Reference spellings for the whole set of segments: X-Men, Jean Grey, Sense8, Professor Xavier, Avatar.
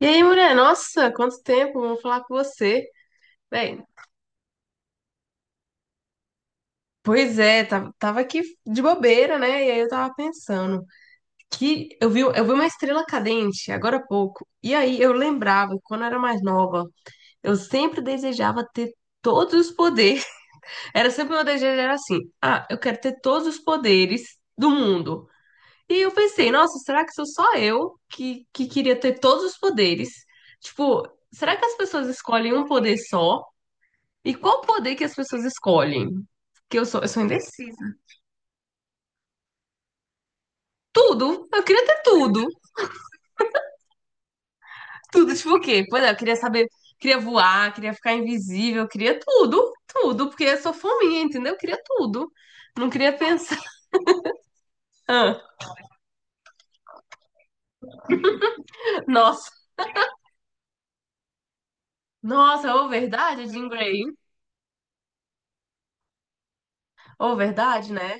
E aí, mulher? Nossa, quanto tempo, vamos falar com você. Bem, pois é, tava aqui de bobeira, né? E aí eu tava pensando que eu vi uma estrela cadente agora há pouco. E aí eu lembrava, que quando eu era mais nova, eu sempre desejava ter todos os poderes. Era sempre meu desejo, era assim, ah, eu quero ter todos os poderes do mundo. E eu pensei, nossa, será que sou só eu que queria ter todos os poderes? Tipo, será que as pessoas escolhem um poder só? E qual poder que as pessoas escolhem? Que eu sou indecisa. Tudo. Eu queria ter tudo. Tudo, tipo o quê? Pois é, eu queria saber, queria voar, queria ficar invisível, eu queria tudo, tudo, porque eu sou fominha, entendeu? Eu queria tudo. Não queria pensar. Ah, nossa. Nossa, ou verdade, Jean Grey. Ou verdade, né?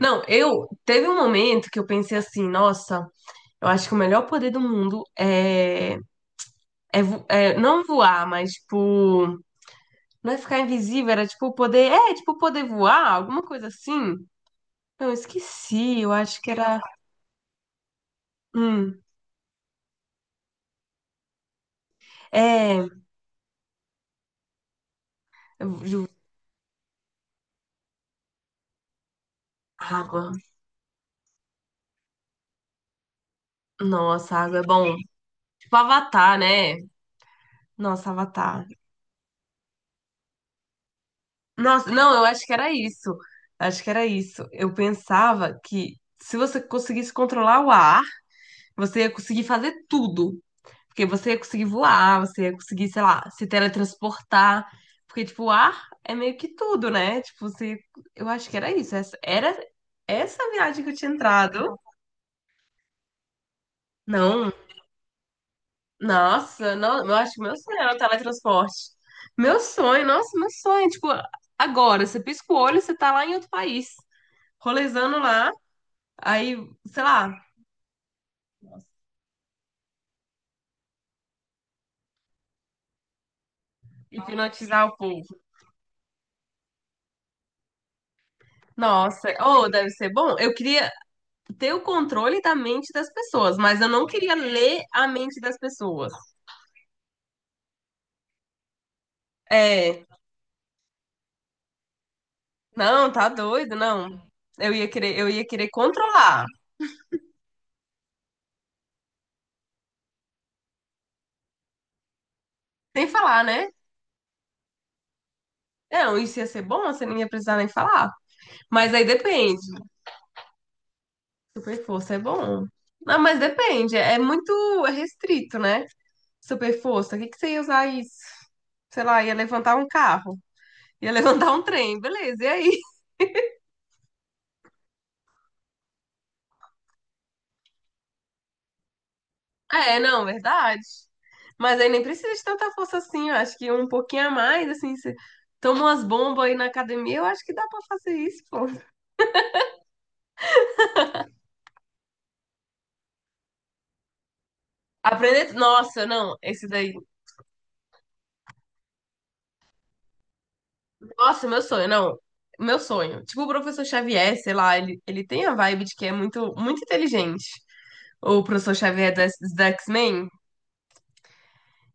Não, eu teve um momento que eu pensei assim, nossa, eu acho que o melhor poder do mundo é não voar, mas tipo, não é ficar invisível, era tipo poder. É, tipo poder voar, alguma coisa assim. Eu esqueci, eu acho que era. Hum, é. ju- Água. Nossa, água é bom. Tipo Avatar, né? Nossa, Avatar. Nossa, não, eu acho que era isso. Acho que era isso. Eu pensava que se você conseguisse controlar o ar, você ia conseguir fazer tudo. Porque você ia conseguir voar, você ia conseguir, sei lá, se teletransportar. Porque, tipo, o ar é meio que tudo, né? Tipo, você, eu acho que era isso. Essa era essa viagem que eu tinha entrado. Não, nossa, não, eu acho que meu sonho era o teletransporte. Meu sonho, nossa, meu sonho. Tipo, agora, você pisca o olho, você tá lá em outro país, rolezando lá, aí, sei lá, hipnotizar o povo. Nossa, ou deve ser bom. Eu queria ter o controle da mente das pessoas, mas eu não queria ler a mente das pessoas. É, não, tá doido, não. Eu ia querer controlar, sem falar, né? Não, isso ia ser bom, você não ia precisar nem falar. Mas aí depende. Super força é bom. Não, mas depende, é muito restrito, né? Super força, o que que você ia usar isso? Sei lá, ia levantar um carro, ia levantar um trem, beleza, e aí? É, não, verdade. Mas aí nem precisa de tanta força assim, eu acho que um pouquinho a mais, assim, você toma umas bombas aí na academia, eu acho que dá pra fazer isso, pô. Aprender, nossa, não, esse daí. Nossa, meu sonho, não. Meu sonho. Tipo o professor Xavier, sei lá, ele tem a vibe de que é muito, muito inteligente. O professor Xavier da, X-Men,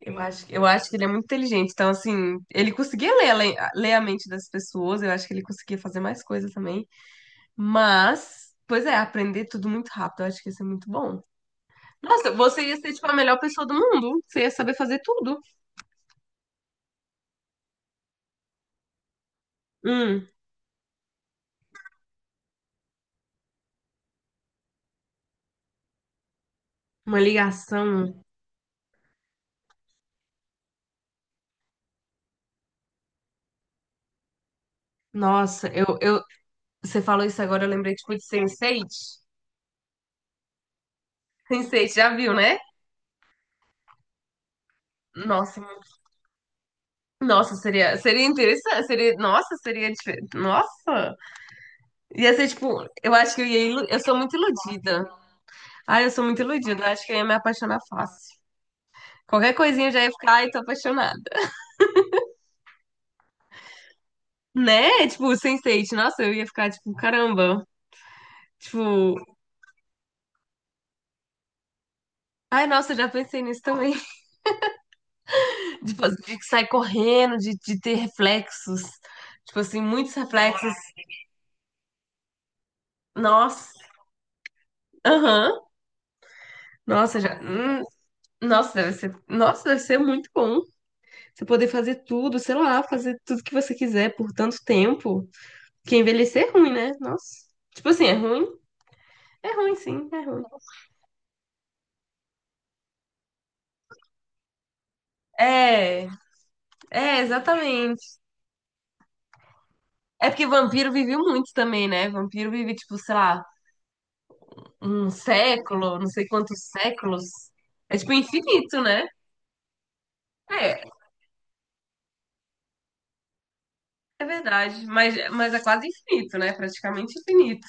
eu acho que ele é muito inteligente. Então, assim, ele conseguia ler a mente das pessoas, eu acho que ele conseguia fazer mais coisa também. Mas, pois é, aprender tudo muito rápido, eu acho que isso é muito bom. Nossa, você ia ser tipo a melhor pessoa do mundo, você ia saber fazer tudo. Hum, uma ligação. Nossa, eu, você falou isso agora, eu lembrei tipo de Sense8. Sense8, já viu, né? Nossa, nossa, seria, seria interessante, seria, nossa, seria diferente, nossa, ia ser tipo, eu acho que eu sou muito iludida, ai, eu sou muito iludida, eu acho que eu ia me apaixonar fácil, qualquer coisinha eu já ia ficar, ai, tô apaixonada. Né? Tipo, Sense8, nossa, eu ia ficar tipo, caramba. Tipo, ai, nossa, eu já pensei nisso também. Tipo, assim, de sair correndo, de ter reflexos. Tipo assim, muitos reflexos. Nossa, aham. Nossa, já. Nossa, deve ser. Nossa, deve ser muito bom. Você poder fazer tudo, sei lá, fazer tudo que você quiser por tanto tempo. Porque envelhecer é ruim, né? Nossa. Tipo assim, é ruim? É ruim, sim, é ruim. É, é, exatamente. É porque vampiro viveu muito também, né? Vampiro vive, tipo, sei lá, um século, não sei quantos séculos. É, tipo, infinito, né? É, é, verdade. Mas é quase infinito, né? Praticamente infinito.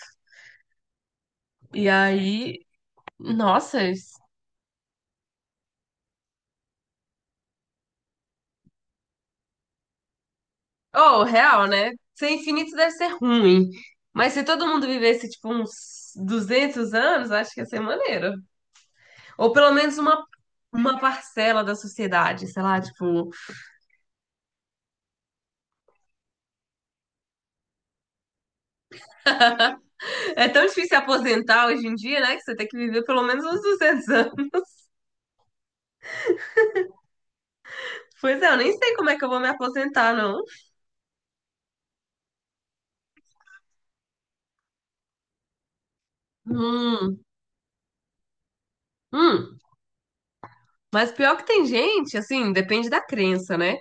E aí, nossa. Oh, real, né? Ser infinito deve ser ruim. Mas se todo mundo vivesse, tipo, uns 200 anos, acho que ia ser maneiro. Ou pelo menos uma parcela da sociedade, sei lá, tipo. É tão difícil se aposentar hoje em dia, né? Que você tem que viver pelo menos uns 200 anos. Pois é, eu nem sei como é que eu vou me aposentar, não. Hum, hum. Mas pior que tem gente, assim, depende da crença, né?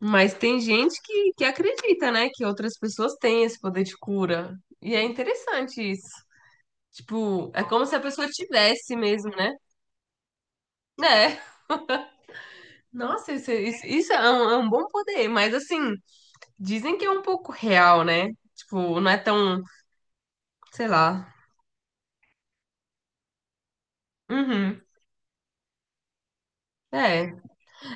Mas tem gente que acredita, né? Que outras pessoas têm esse poder de cura. E é interessante isso. Tipo, é como se a pessoa tivesse mesmo, né? É. Nossa, isso é um bom poder. Mas, assim, dizem que é um pouco real, né? Tipo, não é tão, sei lá. Uhum. É.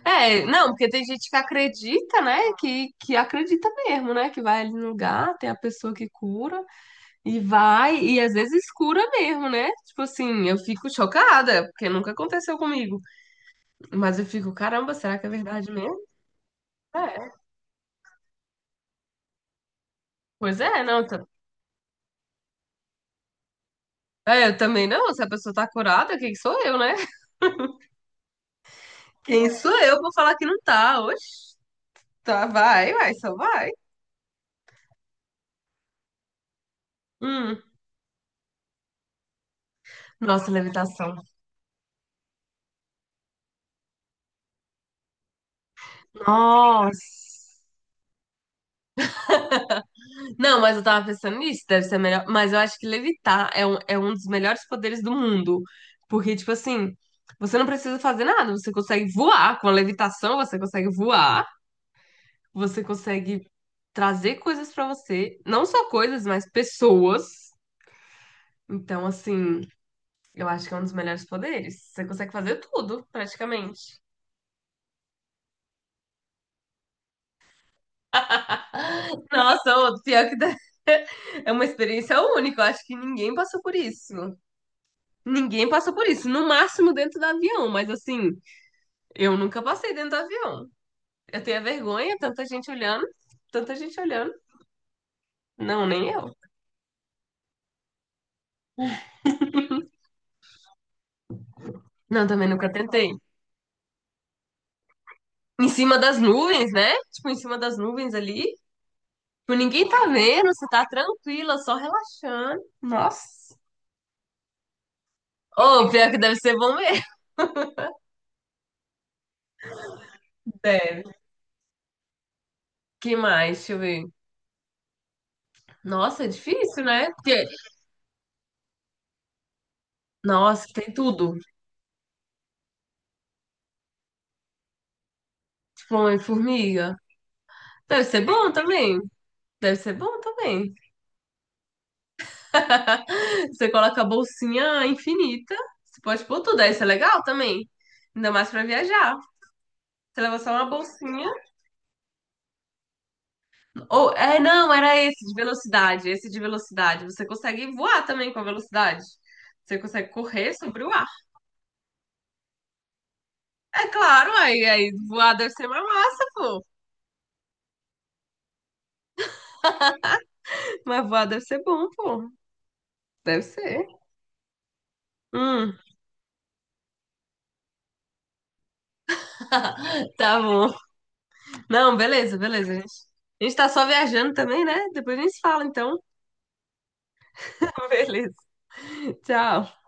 É, não, porque tem gente que acredita, né? Que acredita mesmo, né? Que vai ali no lugar, tem a pessoa que cura e vai, e às vezes cura mesmo, né? Tipo assim, eu fico chocada, porque nunca aconteceu comigo. Mas eu fico, caramba, será que é verdade mesmo? É. Pois é, não. É, eu também não. Se a pessoa tá curada, quem sou eu, né? Quem sou eu pra falar que não tá? Oxe, tá, vai, vai, só vai. Hum. Nossa, levitação. Nossa. Não, mas eu tava pensando nisso, deve ser melhor. Mas eu acho que levitar é um dos melhores poderes do mundo. Porque, tipo assim, você não precisa fazer nada, você consegue voar. Com a levitação, você consegue voar, você consegue trazer coisas pra você. Não só coisas, mas pessoas. Então, assim, eu acho que é um dos melhores poderes. Você consegue fazer tudo, praticamente. Nossa, ô, pior que é uma experiência única. Eu acho que ninguém passou por isso. Ninguém passou por isso. No máximo dentro do avião, mas assim, eu nunca passei dentro do avião. Eu tenho a vergonha, tanta gente olhando, tanta gente olhando. Não, nem eu. Não, também nunca tentei. Em cima das nuvens, né? Tipo, em cima das nuvens ali. Tipo, ninguém tá vendo, você tá tranquila, só relaxando. Nossa. Ô, pior que deve ser bom mesmo. Deve. Que mais? Deixa eu ver. Nossa, é difícil, né? Porque, nossa, tem tudo. Tipo, uma formiga. Deve ser bom também. Deve ser bom também. Você coloca a bolsinha infinita. Você pode pôr tudo, aí isso é legal também. Ainda mais pra viajar. Você leva só uma bolsinha. Ou, é, não, era esse de velocidade, esse de velocidade. Você consegue voar também com a velocidade. Você consegue correr sobre o ar. É claro, aí voar deve ser uma massa, pô. Mas voar deve ser bom, pô. Deve ser. Hum, tá bom. Não, beleza, beleza, gente. A gente tá só viajando também, né? Depois a gente se fala, então. Beleza. Tchau.